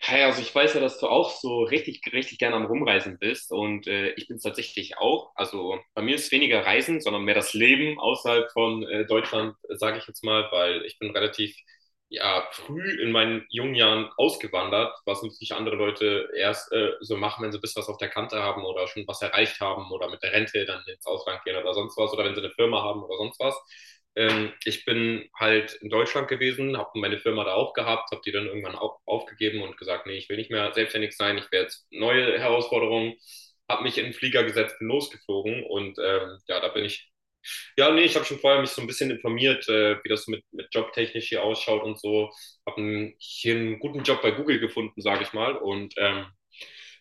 Hey, also ich weiß ja, dass du auch so richtig, richtig gerne am Rumreisen bist und ich bin es tatsächlich auch. Also bei mir ist weniger Reisen, sondern mehr das Leben außerhalb von Deutschland, sage ich jetzt mal, weil ich bin relativ ja, früh in meinen jungen Jahren ausgewandert, was natürlich andere Leute erst so machen, wenn sie ein bisschen was auf der Kante haben oder schon was erreicht haben oder mit der Rente dann ins Ausland gehen oder sonst was oder wenn sie eine Firma haben oder sonst was. Ich bin halt in Deutschland gewesen, habe meine Firma da auch gehabt, habe die dann irgendwann auch aufgegeben und gesagt, nee, ich will nicht mehr selbstständig sein, ich will jetzt neue Herausforderungen, habe mich in den Flieger gesetzt, bin losgeflogen und ja, da bin ich ja, nee, ich habe schon vorher mich so ein bisschen informiert, wie das mit, jobtechnisch hier ausschaut und so. Habe hier einen guten Job bei Google gefunden, sage ich mal. Und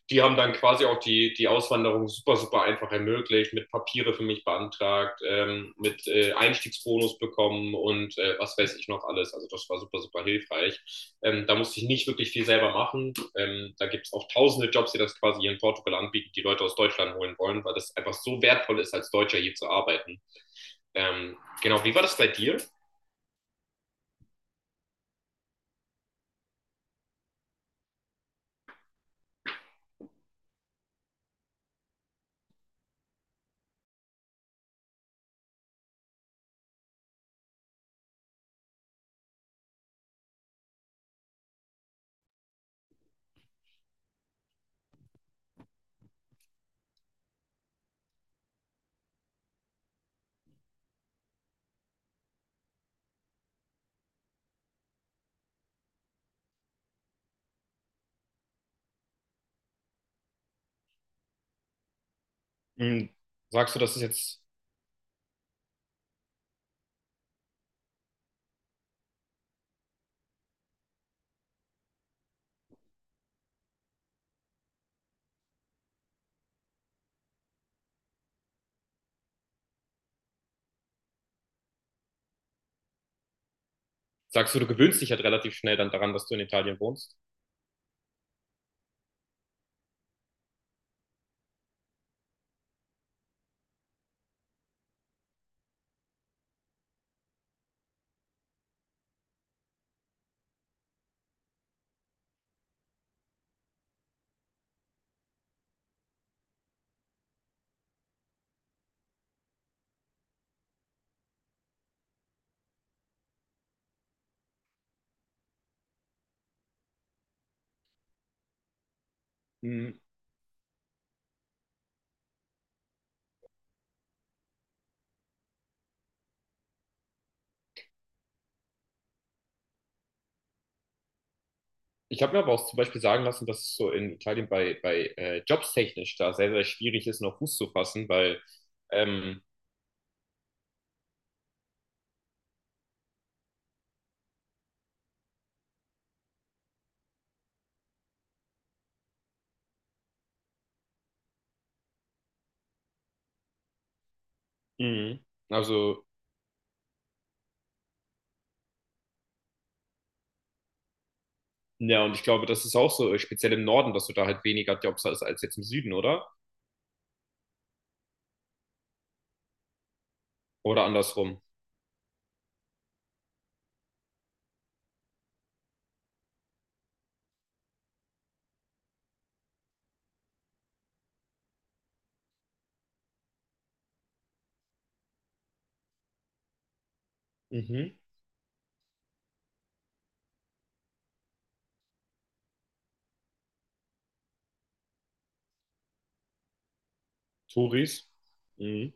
die haben dann quasi auch die Auswanderung super, super einfach ermöglicht, mit Papiere für mich beantragt, mit Einstiegsbonus bekommen und was weiß ich noch alles. Also das war super, super hilfreich. Da musste ich nicht wirklich viel selber machen. Da gibt es auch tausende Jobs, die das quasi hier in Portugal anbieten, die Leute aus Deutschland holen wollen, weil das einfach so wertvoll ist, als Deutscher hier zu arbeiten. Ähm, genau, wie war das bei dir? Hm, Sagst du, das ist jetzt, sagst du, du gewöhnst dich halt relativ schnell dann daran, dass du in Italien wohnst? Hm, Ich habe mir aber auch zum Beispiel sagen lassen, dass es so in Italien bei Jobs technisch da sehr, sehr schwierig ist, noch Fuß zu fassen, weil, ähm, Mhm. also, ja, und ich glaube, das ist auch so, speziell im Norden, dass du da halt weniger Jobs hast als jetzt im Süden, oder? Oder andersrum. Mhm. Touris. Mhm.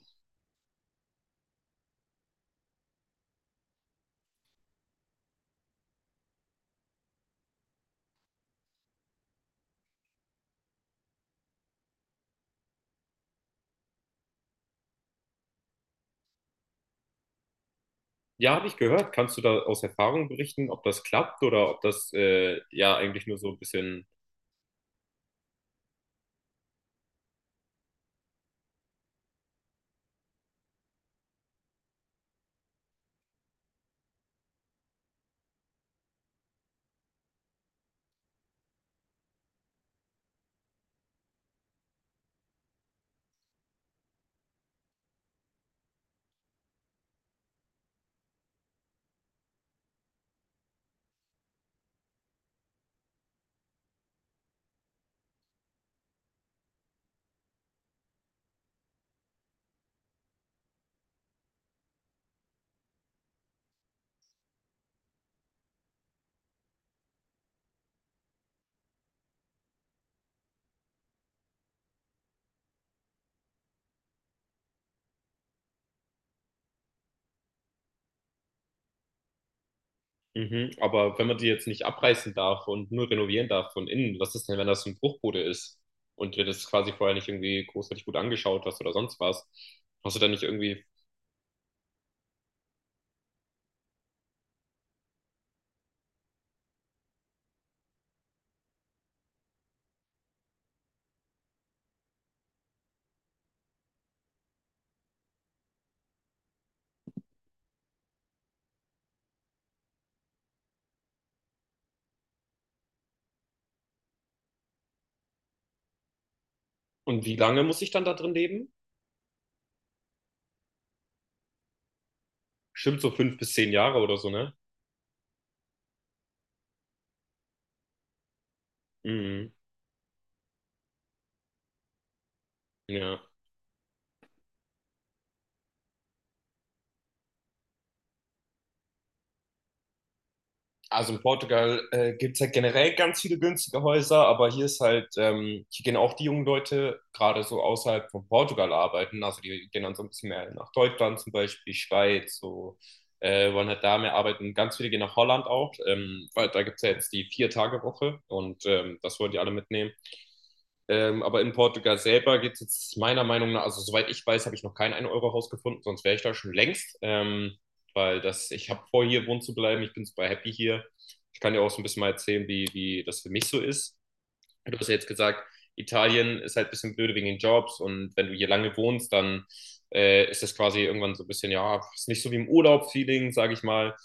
Ja, habe ich gehört. Kannst du da aus Erfahrung berichten, ob das klappt oder ob das ja eigentlich nur so ein bisschen. Mhm. Aber wenn man die jetzt nicht abreißen darf und nur renovieren darf von innen, was ist denn, wenn das ein Bruchbude ist und dir das quasi vorher nicht irgendwie großartig gut angeschaut hast oder sonst was? Hast du dann nicht irgendwie. Und wie lange muss ich dann da drin leben? Bestimmt so 5 bis 10 Jahre oder so, ne? Mhm. Ja. Also in Portugal gibt es halt generell ganz viele günstige Häuser, aber hier ist halt, hier gehen auch die jungen Leute gerade so außerhalb von Portugal arbeiten. Also die gehen dann so ein bisschen mehr nach Deutschland zum Beispiel, Schweiz, so wollen halt da mehr arbeiten. Ganz viele gehen nach Holland auch, weil da gibt es ja jetzt die 4-Tage-Woche und das wollen die alle mitnehmen. Aber in Portugal selber gibt es jetzt meiner Meinung nach, also soweit ich weiß, habe ich noch kein 1-Euro-Haus gefunden, sonst wäre ich da schon längst. Weil das, ich habe vor, hier wohnen zu bleiben. Ich bin super happy hier. Ich kann dir auch so ein bisschen mal erzählen, wie das für mich so ist. Du hast ja jetzt gesagt, Italien ist halt ein bisschen blöde wegen den Jobs und wenn du hier lange wohnst, dann ist das quasi irgendwann so ein bisschen, ja, ist nicht so wie im Urlaub-Feeling, sage ich mal.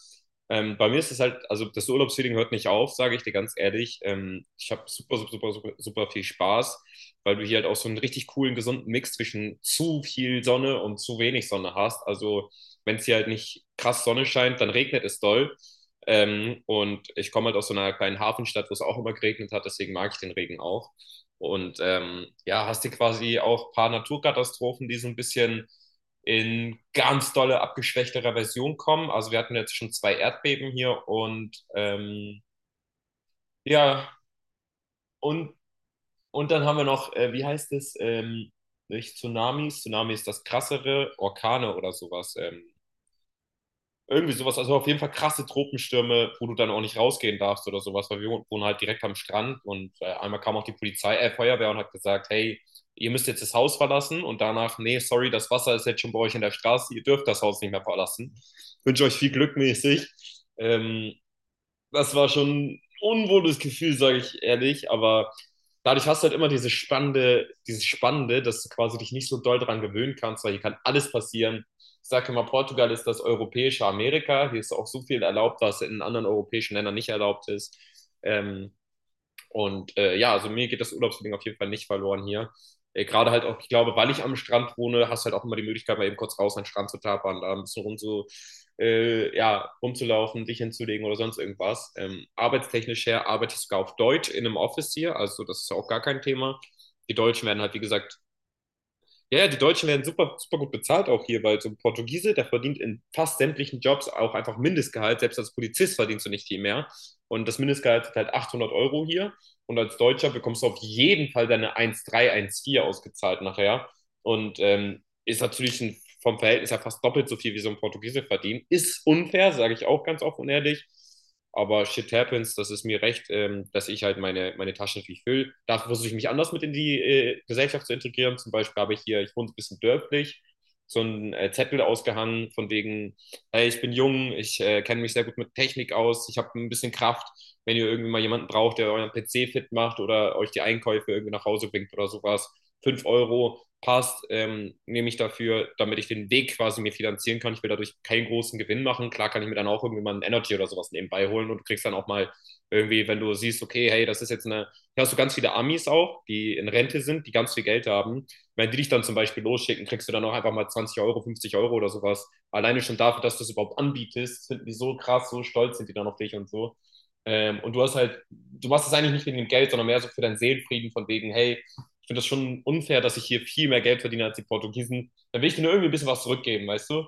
Bei mir ist es halt, also das Urlaubsfeeling hört nicht auf, sage ich dir ganz ehrlich. Ich habe super, super, super, super, super viel Spaß, weil du hier halt auch so einen richtig coolen, gesunden Mix zwischen zu viel Sonne und zu wenig Sonne hast. Also wenn es hier halt nicht krass Sonne scheint, dann regnet es doll. Und ich komme halt aus so einer kleinen Hafenstadt, wo es auch immer geregnet hat, deswegen mag ich den Regen auch. Und ja, hast du quasi auch ein paar Naturkatastrophen, die so ein bisschen in ganz dolle, abgeschwächterer Version kommen. Also wir hatten jetzt schon zwei Erdbeben hier und ja, und, und dann haben wir noch, wie heißt es, nicht Tsunamis, Tsunami ist das krassere, Orkane oder sowas. Irgendwie sowas, also auf jeden Fall krasse Tropenstürme, wo du dann auch nicht rausgehen darfst oder sowas, weil wir wohnen halt direkt am Strand und einmal kam auch die Polizei, Feuerwehr und hat gesagt, hey, ihr müsst jetzt das Haus verlassen und danach, nee, sorry, das Wasser ist jetzt schon bei euch in der Straße, ihr dürft das Haus nicht mehr verlassen. Wünsche euch viel Glück mäßig. Ähm, Das war schon ein unwohles Gefühl, sage ich ehrlich, aber dadurch hast du halt immer diese spannende, dieses Spannende, dass du quasi dich nicht so doll dran gewöhnen kannst, weil hier kann alles passieren. Ich sage immer, Portugal ist das europäische Amerika. Hier ist auch so viel erlaubt, was in anderen europäischen Ländern nicht erlaubt ist. Ähm, und ja, also mir geht das Urlaubsding auf jeden Fall nicht verloren hier. Gerade halt auch, ich glaube, weil ich am Strand wohne, hast du halt auch immer die Möglichkeit, mal eben kurz raus an den Strand zu tapern, da ein bisschen rum zu, ja, rumzulaufen, dich hinzulegen oder sonst irgendwas. Arbeitstechnisch her arbeite ich sogar auf Deutsch in einem Office hier, also das ist auch gar kein Thema. Die Deutschen werden halt, wie gesagt, ja, ja, die Deutschen werden super, super gut bezahlt auch hier, weil so ein Portugiese, der verdient in fast sämtlichen Jobs auch einfach Mindestgehalt. Selbst als Polizist verdienst du nicht viel mehr. Und das Mindestgehalt ist halt 800 € hier. Und als Deutscher bekommst du auf jeden Fall deine 1,3, vier ausgezahlt nachher. Und ist natürlich ein, vom Verhältnis her fast doppelt so viel, wie so ein Portugiese verdient. Ist unfair, sage ich auch ganz offen und ehrlich. Aber shit happens, das ist mir recht, dass ich halt meine Taschen natürlich fülle. Da versuche ich mich anders mit in die Gesellschaft zu integrieren. Zum Beispiel habe ich hier, ich wohne ein bisschen dörflich, so einen Zettel ausgehangen, von wegen, hey, ich bin jung, ich kenne mich sehr gut mit Technik aus, ich habe ein bisschen Kraft. Wenn ihr irgendwie mal jemanden braucht, der euren PC fit macht oder euch die Einkäufe irgendwie nach Hause bringt oder sowas, 5 Euro, passt, nehme ich dafür, damit ich den Weg quasi mir finanzieren kann. Ich will dadurch keinen großen Gewinn machen. Klar kann ich mir dann auch irgendwie mal einen Energy oder sowas nebenbei holen und du kriegst dann auch mal irgendwie, wenn du siehst, okay, hey, das ist jetzt eine, hier hast du ganz viele Amis auch, die in Rente sind, die ganz viel Geld haben. Wenn die dich dann zum Beispiel losschicken, kriegst du dann auch einfach mal 20 Euro, 50 € oder sowas. Alleine schon dafür, dass du es überhaupt anbietest, finden die so krass, so stolz sind die dann auf dich und so. Und du hast halt, du machst es eigentlich nicht wegen dem Geld, sondern mehr so für deinen Seelenfrieden von wegen, hey, ich finde das schon unfair, dass ich hier viel mehr Geld verdiene als die Portugiesen. Dann will ich denen irgendwie ein bisschen was zurückgeben, weißt du?